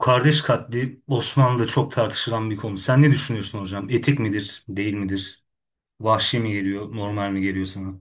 Kardeş katli Osmanlı'da çok tartışılan bir konu. Sen ne düşünüyorsun hocam? Etik midir, değil midir? Vahşi mi geliyor, normal mi geliyor sana?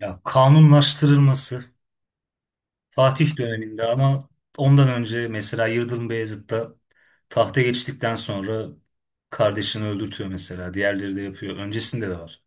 Ya kanunlaştırılması Fatih döneminde, ama ondan önce mesela Yıldırım Beyazıt'ta tahta geçtikten sonra kardeşini öldürtüyor mesela. Diğerleri de yapıyor. Öncesinde de var.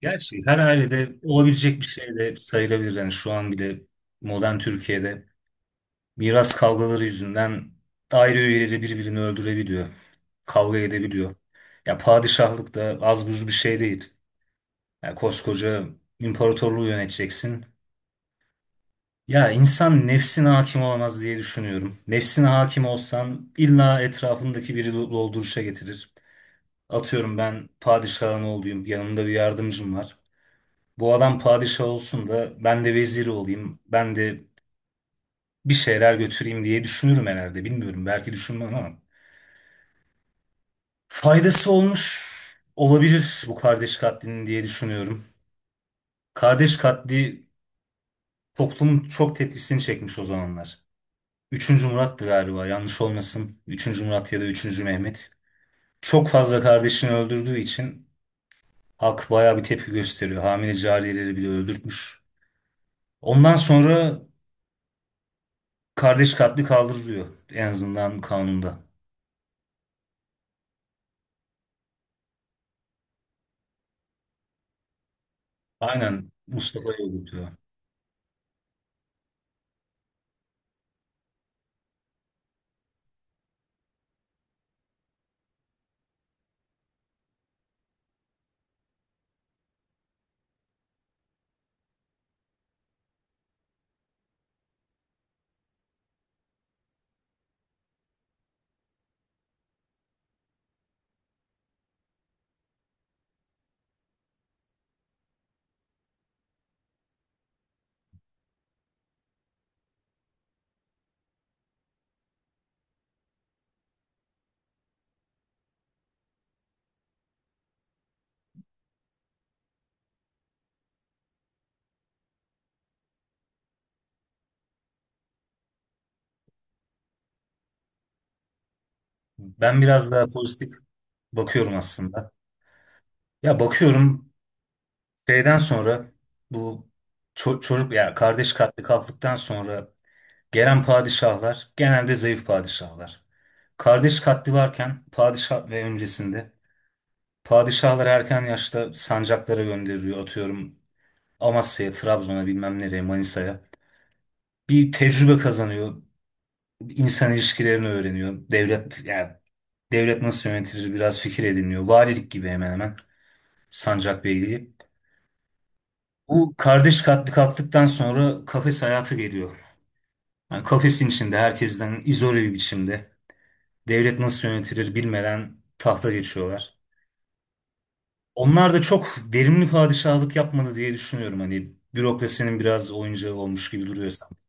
Gerçi her ailede olabilecek bir şey de sayılabilir. Yani şu an bile modern Türkiye'de miras kavgaları yüzünden aile üyeleri birbirini öldürebiliyor. Kavga edebiliyor. Ya padişahlık da az buz bir şey değil. Ya koskoca imparatorluğu yöneteceksin. Ya insan nefsine hakim olamaz diye düşünüyorum. Nefsine hakim olsan illa etrafındaki biri dolduruşa getirir. Atıyorum ben padişahın oğluyum, yanımda bir yardımcım var. Bu adam padişah olsun da ben de veziri olayım, ben de bir şeyler götüreyim diye düşünürüm herhalde. Bilmiyorum, belki düşünmem ama. Faydası olmuş olabilir bu kardeş katlinin diye düşünüyorum. Kardeş katli toplumun çok tepkisini çekmiş o zamanlar. Üçüncü Murat'tı galiba, yanlış olmasın. Üçüncü Murat ya da Üçüncü Mehmet. Çok fazla kardeşini öldürdüğü için halk bayağı bir tepki gösteriyor. Hamile cariyeleri bile öldürtmüş. Ondan sonra kardeş katli kaldırılıyor, en azından kanunda. Aynen, Mustafa'yı öldürtüyor. Ben biraz daha pozitif bakıyorum aslında. Ya bakıyorum, şeyden sonra, bu ço- çocuk ya kardeş katli kalktıktan sonra gelen padişahlar genelde zayıf padişahlar. Kardeş katli varken padişah ve öncesinde padişahları erken yaşta sancaklara gönderiliyor. Atıyorum Amasya'ya, Trabzon'a, bilmem nereye, Manisa'ya. Bir tecrübe kazanıyor, insan ilişkilerini öğreniyor. Devlet, yani devlet nasıl yönetilir biraz fikir ediniyor. Valilik gibi hemen hemen, sancak beyliği. Bu kardeş katli kalktıktan sonra kafes hayatı geliyor. Yani kafesin içinde herkesten izole bir biçimde, devlet nasıl yönetilir bilmeden tahta geçiyorlar. Onlar da çok verimli padişahlık yapmadı diye düşünüyorum. Hani bürokrasinin biraz oyuncağı olmuş gibi duruyor sanki.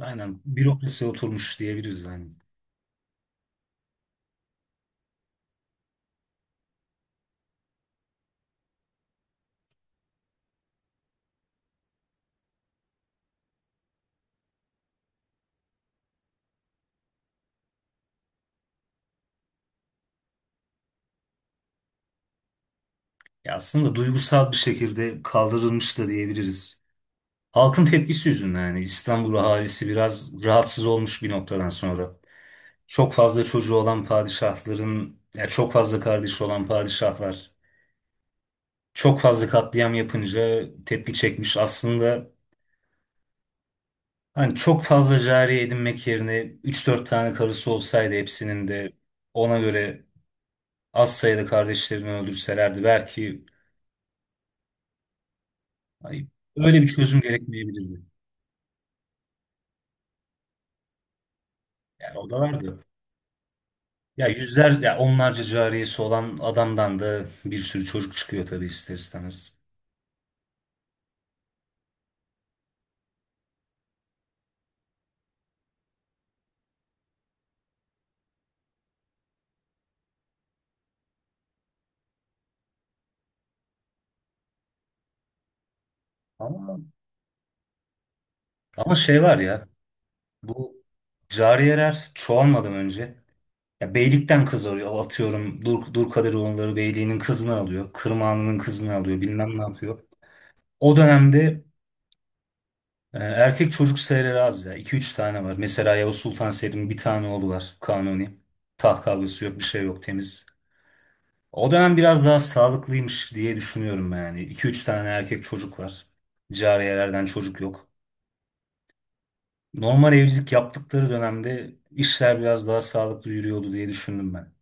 Aynen, bürokrasi oturmuş diyebiliriz yani. Ya aslında duygusal bir şekilde kaldırılmış da diyebiliriz. Halkın tepkisi yüzünden, yani İstanbul ahalisi biraz rahatsız olmuş bir noktadan sonra. Çok fazla çocuğu olan padişahların, ya çok fazla kardeşi olan padişahlar çok fazla katliam yapınca tepki çekmiş. Aslında hani çok fazla cariye edinmek yerine üç dört tane karısı olsaydı, hepsinin de ona göre az sayıda kardeşlerini öldürselerdi belki hani öyle bir çözüm gerekmeyebilirdi. Yani o da vardı. Ya yüzler ya onlarca cariyesi olan adamdan da bir sürü çocuk çıkıyor tabii, ister istemez. Ama ama şey var ya, bu cariyeler çoğalmadan önce ya beylikten kız arıyor. Atıyorum Durkadiroğulları beyliğinin kızını alıyor. Kırmağının kızını alıyor, bilmem ne yapıyor. O dönemde erkek çocuk serileri az ya. İki üç tane var. Mesela Yavuz Sultan Selim'in bir tane oğlu var. Kanuni. Taht kavgası yok, bir şey yok, temiz. O dönem biraz daha sağlıklıymış diye düşünüyorum ben yani. İki üç tane erkek çocuk var. Cariyelerden çocuk yok. Normal evlilik yaptıkları dönemde işler biraz daha sağlıklı yürüyordu diye düşündüm ben.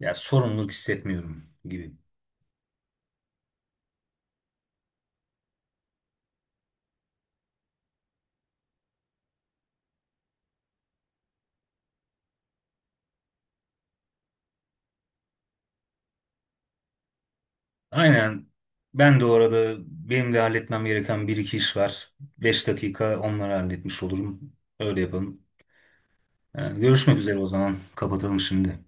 Ya sorumluluk hissetmiyorum gibi. Aynen. Ben de orada, benim de halletmem gereken bir iki iş var. 5 dakika, onları halletmiş olurum. Öyle yapalım. Görüşmek üzere o zaman. Kapatalım şimdi.